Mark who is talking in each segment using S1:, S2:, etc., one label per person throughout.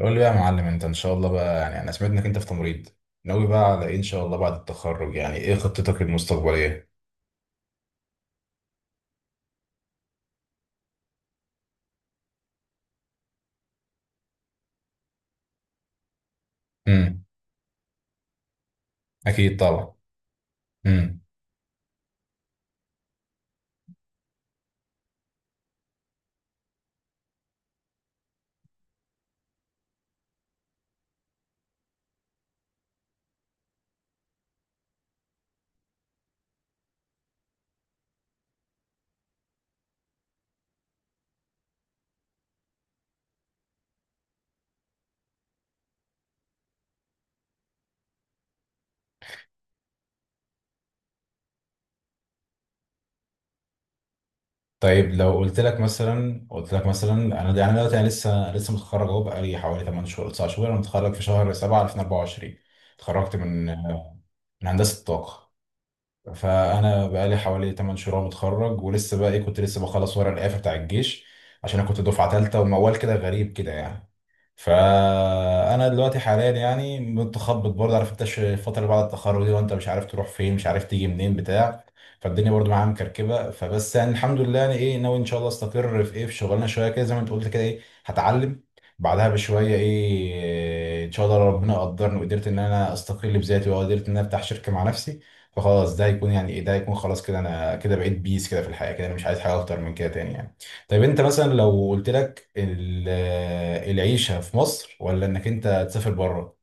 S1: قول لي بقى يا معلم، انت ان شاء الله بقى يعني انا سمعت انك انت في تمريض ناوي بقى على ايه ان شاء الله بعد التخرج؟ يعني ايه خطتك المستقبليه؟ امم اكيد طبعا. امم طيب، لو قلت لك مثلا، انا يعني دلوقتي انا لسه متخرج اهو، بقالي حوالي 8 شهور 9 شهور، انا متخرج في شهر 7 2024. اتخرجت من هندسه الطاقه. فانا بقالي حوالي 8 شهور متخرج، ولسه بقى ايه، كنت لسه بخلص ورق الإعفاء بتاع الجيش، عشان انا كنت دفعه ثالثه وموال كده غريب كده يعني. فانا دلوقتي حاليا يعني متخبط برضه، عارف انت، الفتره اللي بعد التخرج دي وانت مش عارف تروح فين، مش عارف تيجي منين بتاع. فالدنيا برضه معايا مكركبه، فبس يعني الحمد لله، يعني ايه، ناوي ان شاء الله استقر في ايه، في شغلانه شويه كده زي ما انت قلت كده، ايه هتعلم بعدها بشويه، ايه ان شاء الله لو ربنا قدرني وقدرت ان انا استقل بذاتي وقدرت ان انا افتح شركه مع نفسي، فخلاص ده هيكون يعني ايه، ده هيكون خلاص كده، انا كده بقيت بيس كده في الحياه كده، انا مش عايز حاجه اكتر من كده تاني يعني. طيب انت مثلا، لو قلت لك العيشه في مصر ولا انك انت تسافر بره؟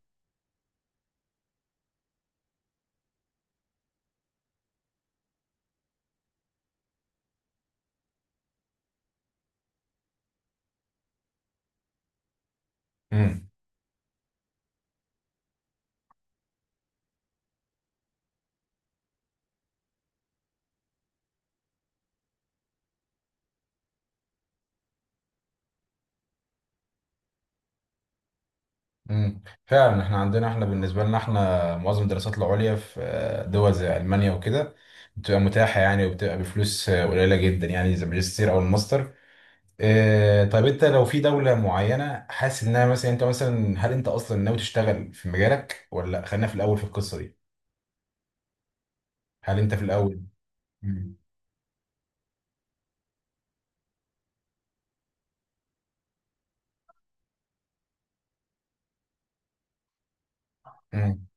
S1: امم فعلا، احنا عندنا، احنا بالنسبه لنا، احنا معظم الدراسات العليا في دول زي المانيا وكده بتبقى متاحه يعني، وبتبقى بفلوس قليله جدا يعني، زي الماجستير او الماستر. إيه، طيب انت لو في دولة معينة حاسس انها مثلا، انت مثلا، هل انت اصلا ناوي تشتغل في مجالك ولا لأ؟ خلينا في الاول في القصة دي، هل انت في الاول. مم. مم.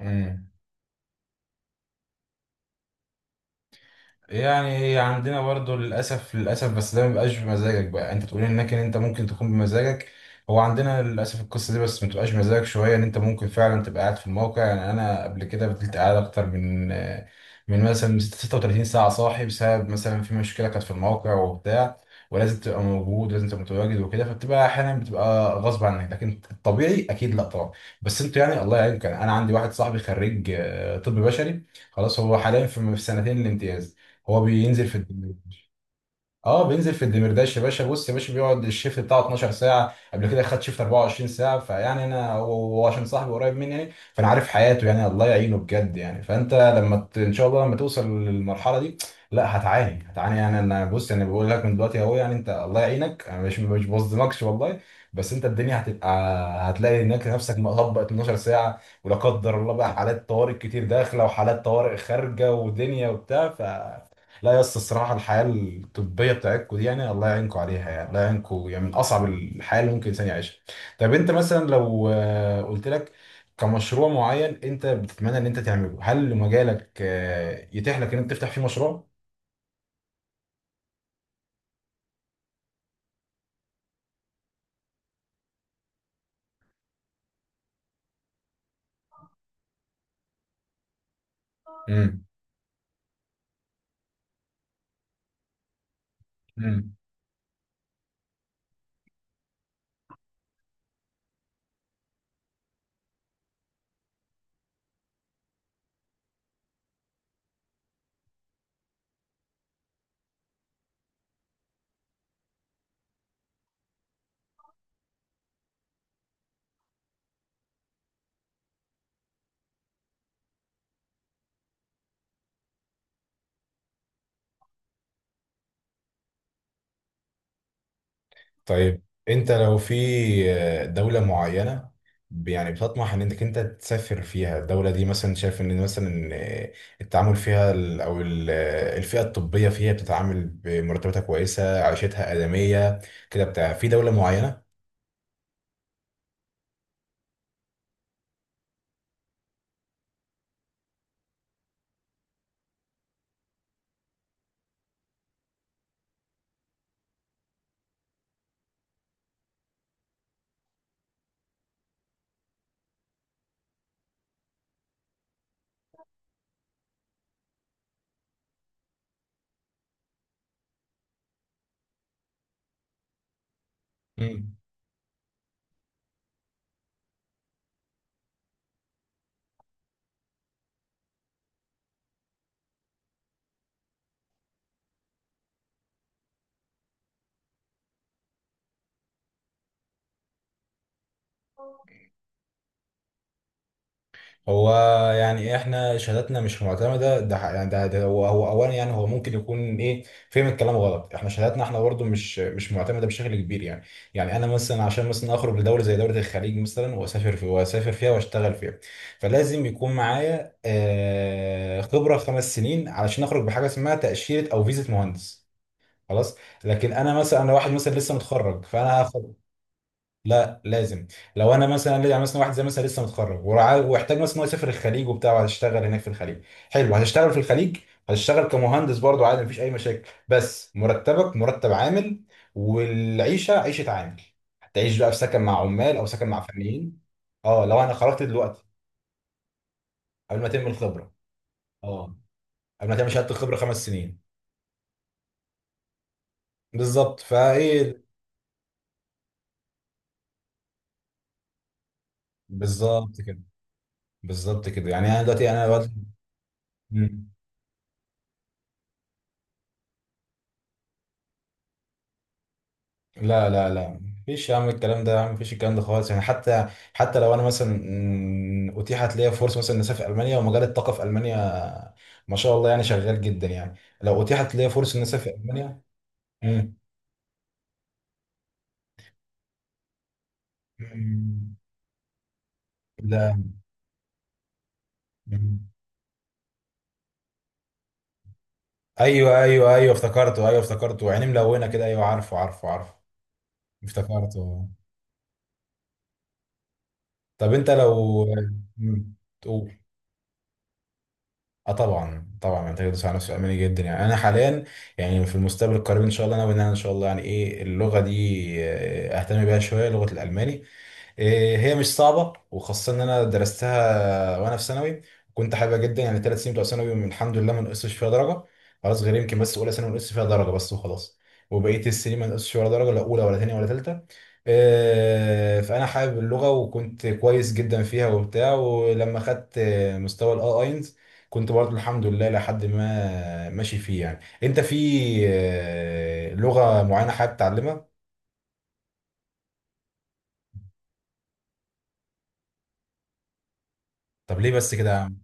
S1: مم. يعني هي عندنا برضو للأسف للأسف، بس ده مبيبقاش بمزاجك، بقى انت تقول انك ان انت ممكن تكون بمزاجك. هو عندنا للأسف القصة دي، بس متبقاش بمزاجك شوية، ان انت ممكن فعلا تبقى قاعد في الموقع. يعني انا قبل كده فضلت قاعد اكتر من مثلا 36 ساعة صاحي، بسبب مثلا في مشكلة كانت في الموقع وبتاع، ولازم تبقى موجود ولازم تبقى متواجد وكده. فبتبقى احيانا بتبقى غصب عنك، لكن الطبيعي اكيد لا طبعا. بس انتوا يعني الله يعينكم، يعني انا عندي واحد صاحبي خريج طب بشري، خلاص هو حاليا في في سنتين الامتياز، هو بينزل في الدمرداش. اه بينزل في الدمرداش يا باشا. بص يا باشا، بيقعد الشيفت بتاعه 12 ساعه، قبل كده خد شيفت 24 ساعه. فيعني انا هو، هو عشان صاحبي قريب مني يعني، فانا عارف حياته يعني، الله يعينه بجد يعني. فانت لما ان شاء الله لما توصل للمرحله دي، لا هتعاني هتعاني يعني. انا بص انا بقول لك من دلوقتي اهو، يعني انت الله يعينك، انا مش بظلمكش والله. بس انت الدنيا هتبقى، هتلاقي هناك نفسك مطبق 12 ساعه، ولا قدر الله بقى، حالات طوارئ كتير داخله وحالات طوارئ خارجه ودنيا وبتاع. لا يا اسطى، الصراحه الحياه الطبيه بتاعتكم دي يعني الله يعينكم عليها، يعني الله يعينكم، يعني من اصعب الحياه اللي ممكن الانسان يعيشها. طب انت مثلا لو قلت لك كمشروع معين انت بتتمنى ان انت تعمله، هل مجالك يتيح لك ان انت تفتح فيه مشروع؟ امم طيب انت لو في دولة معينة، يعني بتطمح ان انك انت تسافر فيها، الدولة دي مثلا شايف ان مثلا التعامل فيها ال- او ال- آه، الفئة الطبية فيها بتتعامل بمرتباتها كويسة، عيشتها آدمية كده بتاع، في دولة معينة؟ هو يعني إيه، احنا شهاداتنا مش معتمده ده يعني ده هو اولا، يعني هو ممكن يكون ايه فهم الكلام غلط، احنا شهاداتنا احنا برضو مش معتمده بشكل كبير يعني. يعني انا مثلا عشان مثلا اخرج لدوله زي دوله الخليج مثلا واسافر فيها واشتغل فيها، فلازم يكون معايا خبره 5 سنين علشان اخرج بحاجه اسمها تاشيره او فيزه مهندس. خلاص. لكن انا مثلا، انا واحد مثلا لسه متخرج فانا. لا لازم. لو انا مثلا يعني مثلا واحد زي مثلا لسه متخرج واحتاج مثلا هو يسافر الخليج وبتاع، وهتشتغل هناك في الخليج، حلو، هتشتغل في الخليج. هتشتغل كمهندس برضه عادي، مفيش اي مشاكل، بس مرتبك مرتب عامل، والعيشه عيشه عامل، هتعيش بقى في سكن مع عمال او سكن مع فنيين. اه، لو انا خرجت دلوقتي. قبل ما تم الخبره. اه، قبل ما تعمل شهاده الخبره 5 سنين. بالظبط. فايه. بالظبط كده. بالظبط كده، يعني انا دلوقتي انا دلوقتي. لا لا لا، مفيش يا عم الكلام ده، يا عم مفيش الكلام ده خالص يعني. حتى لو انا مثلا اتيحت ليا فرصه مثلا إني اسافر المانيا، ومجال الطاقه في المانيا ما شاء الله يعني، شغال جدا يعني. لو اتيحت ليا فرصه اني اسافر المانيا. مم. مم. لا. مم. ايوه ايوه ايوه، افتكرته، ايوه افتكرته، عينيه ملونه كده، ايوه، عارفه عارفه عارفه. افتكرته. طب انت لو. مم. اه طبعا طبعا، محتاج يدوس على نفسه اماني جدا يعني. انا حاليا يعني في المستقبل القريب ان شاء الله ناوي ان انا ان شاء الله يعني ايه اللغه دي اهتم بيها شويه، لغه الالماني. إيه، هي مش صعبة، وخاصة إن أنا درستها وأنا في ثانوي، كنت حاببها جدا يعني. 3 سنين بتوع ثانوي من الحمد لله ما نقصش فيها درجة، خلاص غير يمكن بس أولى ثانوي نقصت فيها درجة بس، وخلاص. وبقية السنين ما نقصش ولا درجة، لا أولى ولا تانية ولا تالتة. إيه، فأنا حابب اللغة وكنت كويس جدا فيها وبتاع، ولما خدت مستوى الأي أينز كنت برضه الحمد لله لحد ما ماشي فيه يعني. أنت في إيه، لغة معينة حابب تتعلمها؟ طب ليه بس كده يا عم؟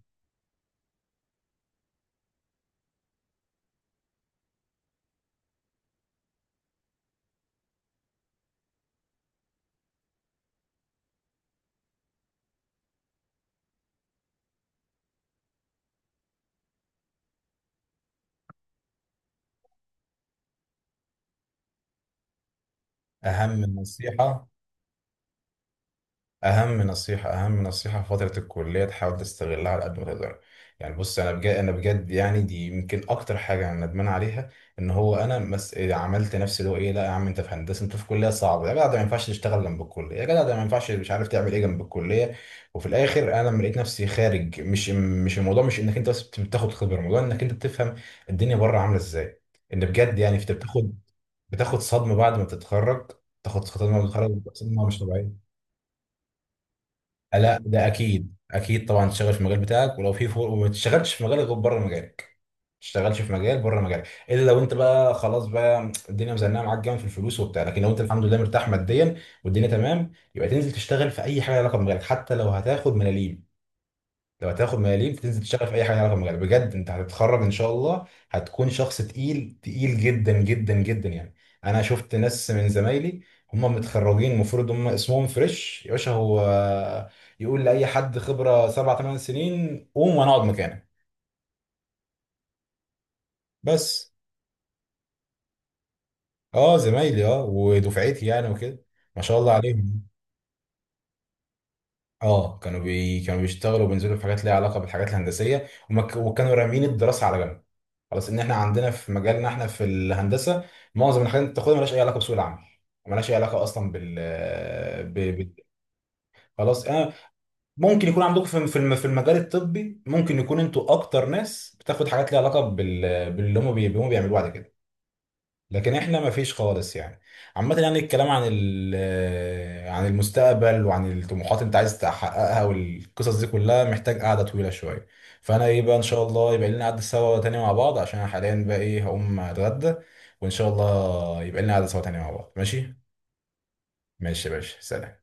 S1: أهم نصيحة. اهم نصيحه في فتره الكليه، تحاول تستغلها على قد ما تقدر. يعني بص، انا بجد يعني، دي يمكن اكتر حاجه انا ندمان عليها. ان هو انا عملت نفسي اللي هو ايه، لا يا عم انت في هندسه، انت في كليه صعبه يا جدع، ده ما ينفعش تشتغل جنب الكليه يا جدع، ده ما ينفعش مش عارف تعمل ايه جنب الكليه. وفي الاخر، انا لما لقيت نفسي خارج، مش مش الموضوع مش انك انت بس بتاخد خبره، الموضوع انك انت بتفهم الدنيا بره عامله ازاي. ان بجد يعني انت بتاخد، صدمه بعد ما تتخرج. تاخد صدمه بعد ما تتخرج، صدمه مش طبيعيه. لا ده اكيد اكيد طبعا تشتغل في المجال بتاعك، ولو في فور وما تشتغلش في مجالك غير بره مجالك، ما تشتغلش في مجال بره مجالك، الا لو انت بقى خلاص بقى الدنيا مزنقه معاك جامد في الفلوس وبتاع. لكن لو انت الحمد لله مرتاح ماديا والدنيا تمام، يبقى تنزل تشتغل في اي حاجه لها علاقه بمجالك، حتى لو هتاخد ملاليم. لو هتاخد ملاليم تنزل تشتغل في اي حاجه ليها علاقه بالمجال، بجد. انت هتتخرج ان شاء الله، هتكون شخص تقيل تقيل جدا جدا جدا يعني. انا شفت ناس من زمايلي، هم متخرجين، المفروض هم اسمهم فريش يا باشا، هو يقول لاي حد خبره 7 8 سنين قوم وانا اقعد مكانك. بس. اه زمايلي، اه ودفعتي يعني، وكده ما شاء الله عليهم. اه كانوا كانوا بيشتغلوا وبينزلوا في حاجات ليها علاقه بالحاجات الهندسيه، وما وكانوا رامين الدراسه على جنب. خلاص، ان احنا عندنا في مجالنا، احنا في الهندسه، معظم الحاجات اللي بتاخدها مالهاش اي علاقه بسوق العمل. مالهاش اي علاقه اصلا ب... ب... خلاص انا. ممكن يكون عندكم في في في المجال الطبي، ممكن يكون انتوا اكتر ناس بتاخد حاجات ليها علاقه باللي هم هم بيعملوه بعد كده. لكن احنا ما فيش خالص يعني. عامة يعني الكلام عن عن المستقبل وعن الطموحات اللي انت عايز تحققها والقصص دي كلها محتاج قعدة طويلة شوية. فانا ايه بقى، ان شاء الله يبقى لنا قعدة سوا تاني مع بعض، عشان انا حاليا بقى ايه هقوم اتغدى. وان شاء الله يبقى لنا قعدة سوا تاني مع بعض. ماشي. ماشي يا باشا، سلام.